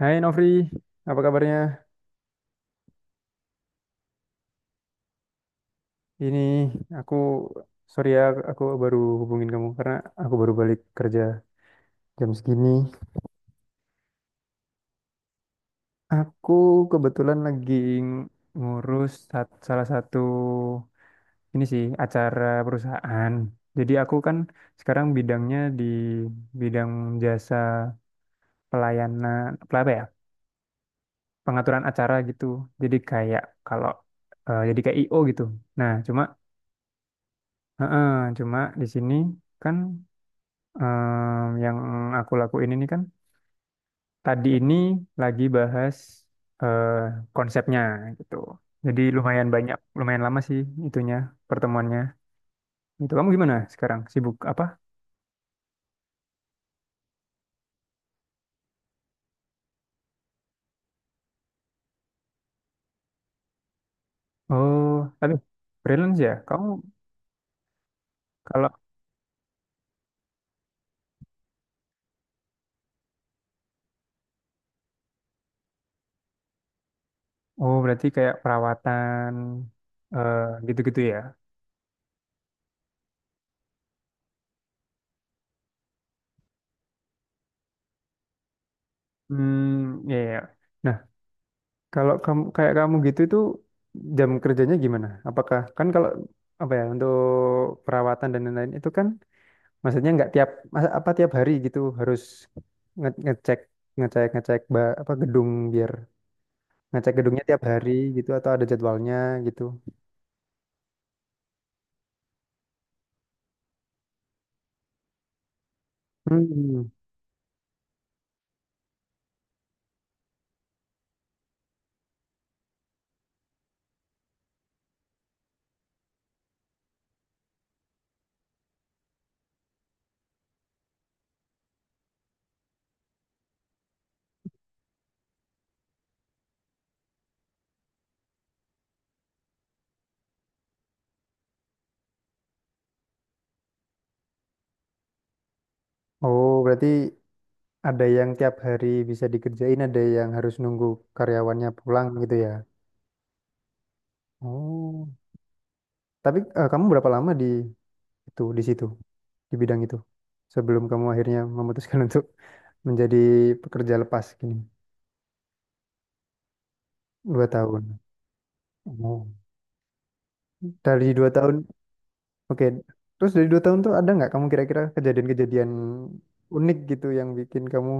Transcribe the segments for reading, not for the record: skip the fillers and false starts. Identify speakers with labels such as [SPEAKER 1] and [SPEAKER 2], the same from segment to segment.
[SPEAKER 1] Hai Novri, apa kabarnya? Ini aku, sorry ya, aku baru hubungin kamu karena aku baru balik kerja jam segini. Aku kebetulan lagi ng- ngurus salah satu ini sih acara perusahaan. Jadi aku kan sekarang bidangnya di bidang jasa pelayanan, apa ya? Pengaturan acara gitu. Jadi kayak kalau jadi kayak IO gitu. Nah, eh, eh, cuma di sini kan. Yang aku lakuin ini kan tadi ini lagi bahas eh, konsepnya gitu. Jadi lumayan banyak, lumayan lama sih itunya pertemuannya. Itu kamu gimana sekarang? Sibuk apa? Oh, tapi freelance ya? Kamu kalau oh berarti kayak perawatan eh, gitu-gitu ya? Hmm, ya ya. Nah, kalau kamu kayak kamu gitu itu jam kerjanya gimana? Apakah kan kalau apa ya untuk perawatan dan lain-lain itu kan maksudnya nggak tiap apa tiap hari gitu harus ngecek ngecek ngecek apa gedung biar ngecek gedungnya tiap hari gitu atau ada jadwalnya gitu. Hmm. Oh, berarti ada yang tiap hari bisa dikerjain, ada yang harus nunggu karyawannya pulang gitu ya. Oh. Tapi kamu berapa lama di situ di bidang itu sebelum kamu akhirnya memutuskan untuk menjadi pekerja lepas gini? 2 tahun. Oh. Dari 2 tahun. Oke, terus dari 2 tahun tuh ada nggak kamu kira-kira kejadian-kejadian unik gitu yang bikin kamu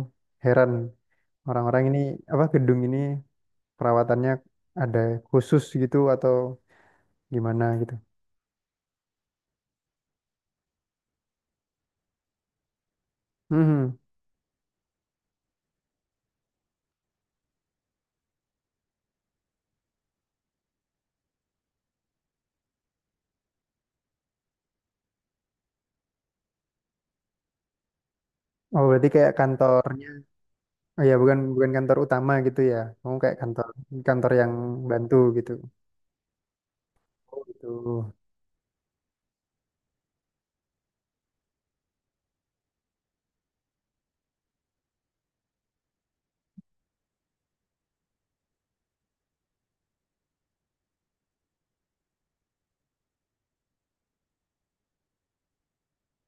[SPEAKER 1] heran orang-orang ini apa gedung ini perawatannya ada khusus gitu atau gimana gitu? Hmm, oh berarti kayak kantornya, oh ya bukan bukan kantor utama gitu ya? Kamu kayak kantor kantor yang bantu gitu? Oh gitu.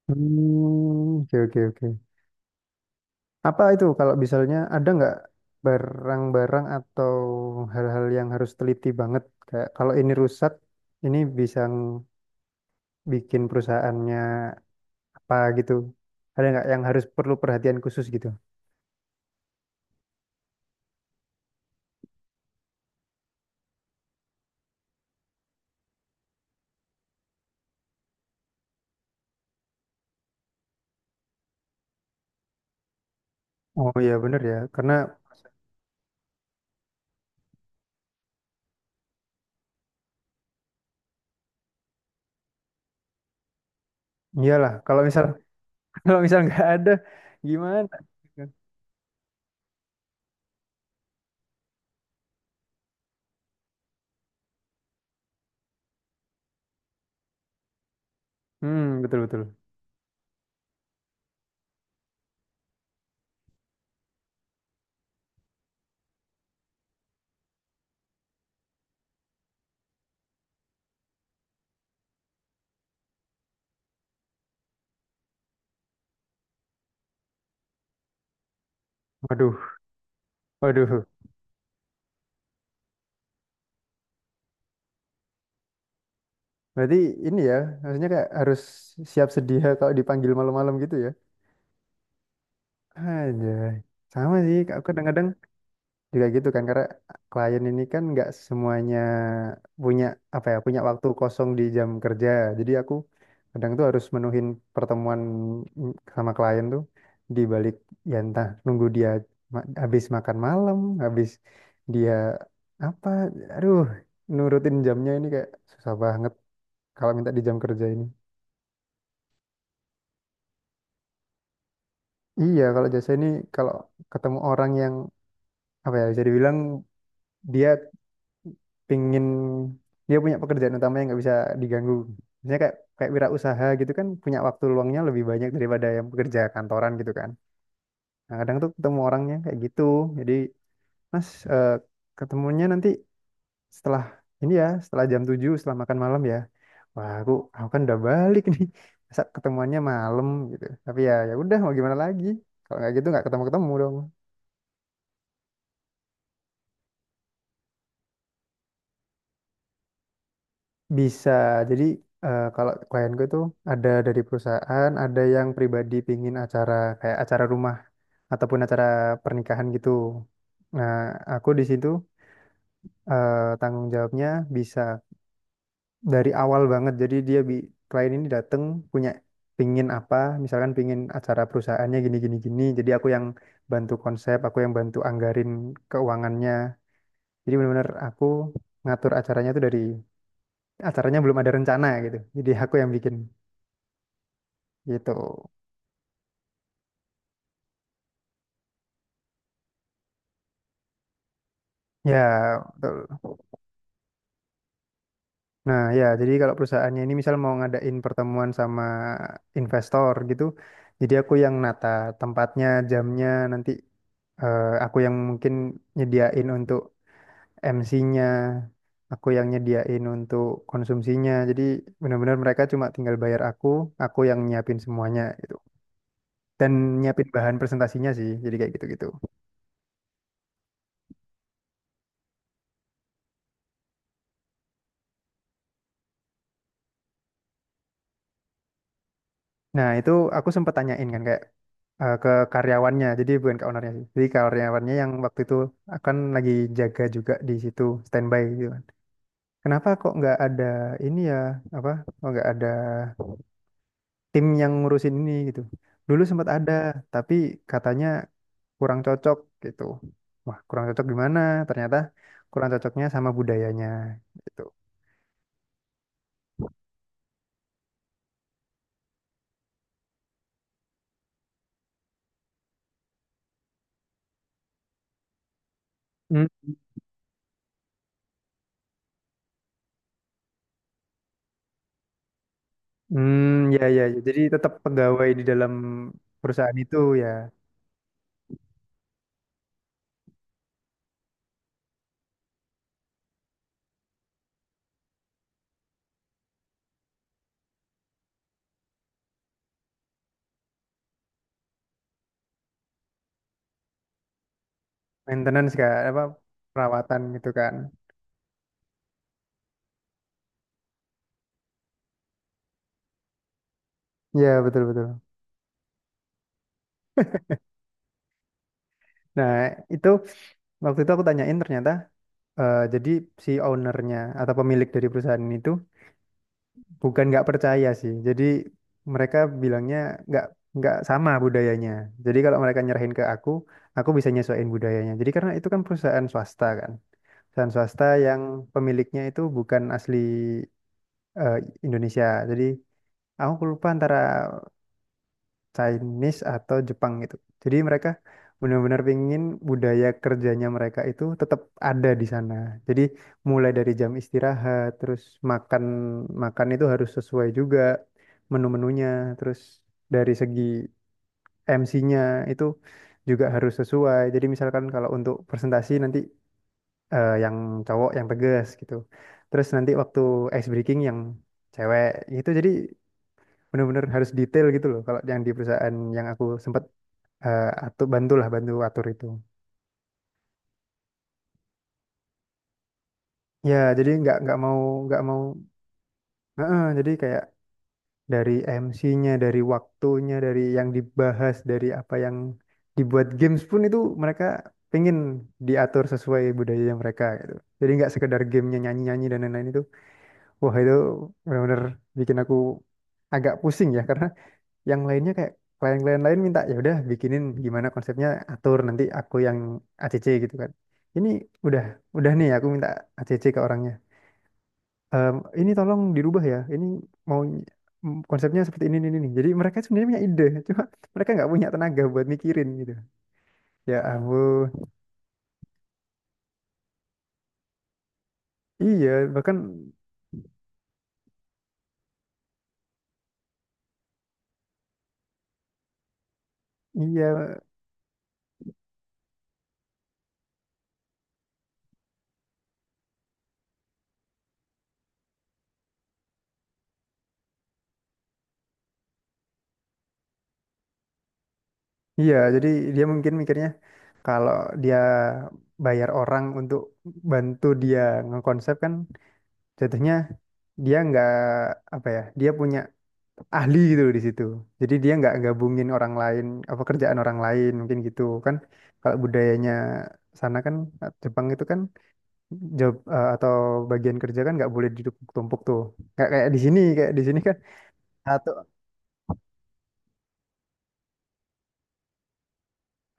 [SPEAKER 1] Hmm, oke oke oke. Apa itu kalau misalnya ada nggak barang-barang atau hal-hal yang harus teliti banget kayak kalau ini rusak ini bisa bikin perusahaannya apa gitu. Ada nggak yang harus perlu perhatian khusus gitu? Oh iya bener ya, karena iyalah kalau misal kalau misal nggak ada gimana? Hmm, betul betul. Waduh waduh. Berarti ini ya maksudnya kayak harus siap sedia kalau dipanggil malam-malam gitu ya? Aja sama sih. Aku kadang-kadang juga gitu kan, karena klien ini kan nggak semuanya punya, apa ya, punya waktu kosong di jam kerja. Jadi aku kadang tuh harus menuhin pertemuan sama klien tuh di balik, ya entah nunggu dia habis makan malam, habis dia apa, aduh, nurutin jamnya ini kayak susah banget kalau minta di jam kerja ini. Iya, kalau jasa ini kalau ketemu orang yang apa ya, bisa dibilang dia pingin, dia punya pekerjaan utama yang nggak bisa diganggu. Misalnya kayak kayak wirausaha gitu kan, punya waktu luangnya lebih banyak daripada yang pekerja kantoran gitu kan. Nah, kadang tuh ketemu orangnya kayak gitu. Jadi, Mas, ketemunya nanti setelah ini ya, setelah jam 7, setelah makan malam ya. Wah, aku kan udah balik nih. Masa ketemuannya malam gitu. Tapi ya ya udah, mau gimana lagi? Kalau nggak gitu nggak ketemu-ketemu dong. Bisa. Jadi kalau klienku itu ada dari perusahaan, ada yang pribadi pingin acara kayak acara rumah ataupun acara pernikahan gitu. Nah, aku di situ eh, tanggung jawabnya bisa dari awal banget. Jadi dia bi klien ini datang punya, pingin apa, misalkan pingin acara perusahaannya gini gini gini. Jadi aku yang bantu konsep, aku yang bantu anggarin keuangannya. Jadi benar-benar aku ngatur acaranya tuh dari acaranya belum ada rencana gitu. Jadi aku yang bikin. Gitu. Ya, betul. Nah, ya, jadi kalau perusahaannya ini misal mau ngadain pertemuan sama investor gitu, jadi aku yang nata tempatnya, jamnya, nanti aku yang mungkin nyediain untuk MC-nya, aku yang nyediain untuk konsumsinya. Jadi benar-benar mereka cuma tinggal bayar aku yang nyiapin semuanya gitu. Dan nyiapin bahan presentasinya sih, jadi kayak gitu-gitu. Nah, itu aku sempat tanyain kan, kayak ke karyawannya. Jadi bukan ke ownernya sih. Jadi karyawannya yang waktu itu akan lagi jaga juga di situ standby gitu kan. Kenapa kok nggak ada, ini ya, apa? Kok nggak ada tim yang ngurusin ini gitu. Dulu sempat ada, tapi katanya kurang cocok gitu. Wah, kurang cocok gimana? Ternyata kurang cocoknya sama budayanya gitu. Hmm, hmm, ya ya. Ya. Jadi tetap pegawai di dalam perusahaan itu ya, maintenance kan apa, perawatan gitu kan. Ya, betul betul. Nah, itu waktu itu aku tanyain ternyata jadi si ownernya atau pemilik dari perusahaan itu bukan nggak percaya sih. Jadi mereka bilangnya nggak nggak sama budayanya. Jadi kalau mereka nyerahin ke aku bisa nyesuaiin budayanya. Jadi karena itu kan, perusahaan swasta yang pemiliknya itu bukan asli eh, Indonesia. Jadi aku lupa antara Chinese atau Jepang gitu. Jadi mereka benar-benar pingin budaya kerjanya mereka itu tetap ada di sana. Jadi mulai dari jam istirahat, terus makan makan itu harus sesuai juga menu-menunya, terus dari segi MC-nya itu juga harus sesuai. Jadi misalkan kalau untuk presentasi nanti yang cowok yang tegas gitu. Terus nanti waktu ice breaking yang cewek, itu jadi benar-benar harus detail gitu loh kalau yang di perusahaan yang aku sempat atau bantulah bantu atur itu. Ya jadi nggak mau nggak mau. Heeh, jadi kayak dari MC-nya, dari waktunya, dari yang dibahas, dari apa yang dibuat games pun itu mereka pengen diatur sesuai budaya mereka gitu. Jadi nggak sekedar gamenya nyanyi nyanyi dan lain-lain itu. Wah, itu benar-benar bikin aku agak pusing ya karena yang lainnya kayak klien-klien lain minta ya udah, bikinin gimana konsepnya, atur, nanti aku yang ACC gitu kan. Ini udah udah nih aku minta ACC ke orangnya. Ehm, ini tolong dirubah ya, ini mau konsepnya seperti ini ini. Jadi mereka sebenarnya punya ide cuma mereka nggak punya tenaga buat mikirin gitu, ya ampun. Iya bahkan. Iya iya, jadi dia mungkin mikirnya kalau dia bayar orang untuk bantu dia ngekonsep kan, jatuhnya dia nggak, apa ya, dia punya ahli gitu loh di situ. Jadi dia nggak gabungin orang lain apa kerjaan orang lain mungkin gitu kan. Kalau budayanya sana kan Jepang itu kan, job atau bagian kerja kan nggak boleh ditumpuk-tumpuk tuh kayak kayak di sini, kayak di sini kan. Satu,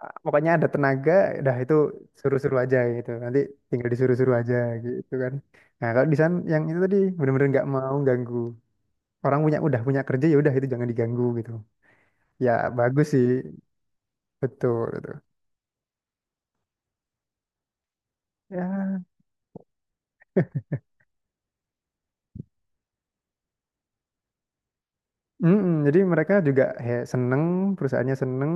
[SPEAKER 1] ah, pokoknya ada tenaga dah, itu suruh-suruh aja gitu, nanti tinggal disuruh-suruh aja gitu kan. Nah kalau di sana yang itu tadi bener-bener nggak mau ganggu orang punya, udah punya kerja ya udah, itu jangan diganggu gitu. Ya bagus sih. Betul, betul. Ya, mm-mm. Jadi mereka juga, he, seneng, perusahaannya seneng,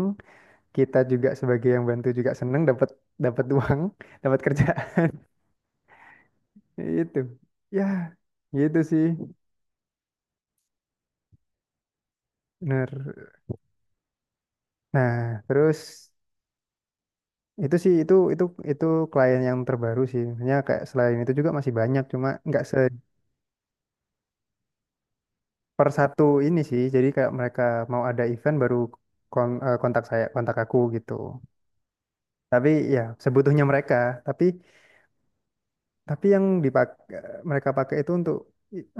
[SPEAKER 1] kita juga sebagai yang bantu juga seneng, dapat dapat uang, dapat kerja. Itu, ya, gitu sih, bener. Nah, terus itu sih itu klien yang terbaru sih. Hanya kayak selain itu juga masih banyak, cuma nggak per satu ini sih. Jadi kayak mereka mau ada event baru, kontak saya, kontak aku gitu. Tapi ya sebutuhnya mereka, tapi Tapi yang mereka pakai itu untuk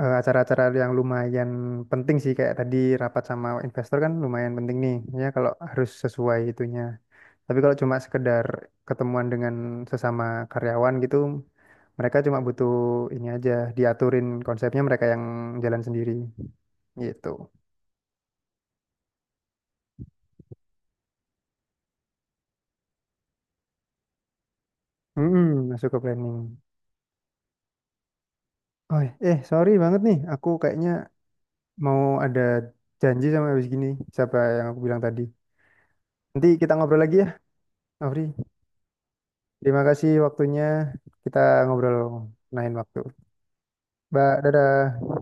[SPEAKER 1] acara-acara yang lumayan penting sih kayak tadi, rapat sama investor kan lumayan penting nih ya, kalau harus sesuai itunya. Tapi kalau cuma sekedar ketemuan dengan sesama karyawan gitu, mereka cuma butuh ini aja, diaturin konsepnya, mereka yang jalan sendiri gitu. Mm-mm, masuk ke planning. Oh, sorry banget nih, aku kayaknya mau ada janji sama habis gini, siapa yang aku bilang tadi. Nanti kita ngobrol lagi ya, Afri. Terima kasih waktunya. Kita ngobrol lain waktu. Mbak, dadah.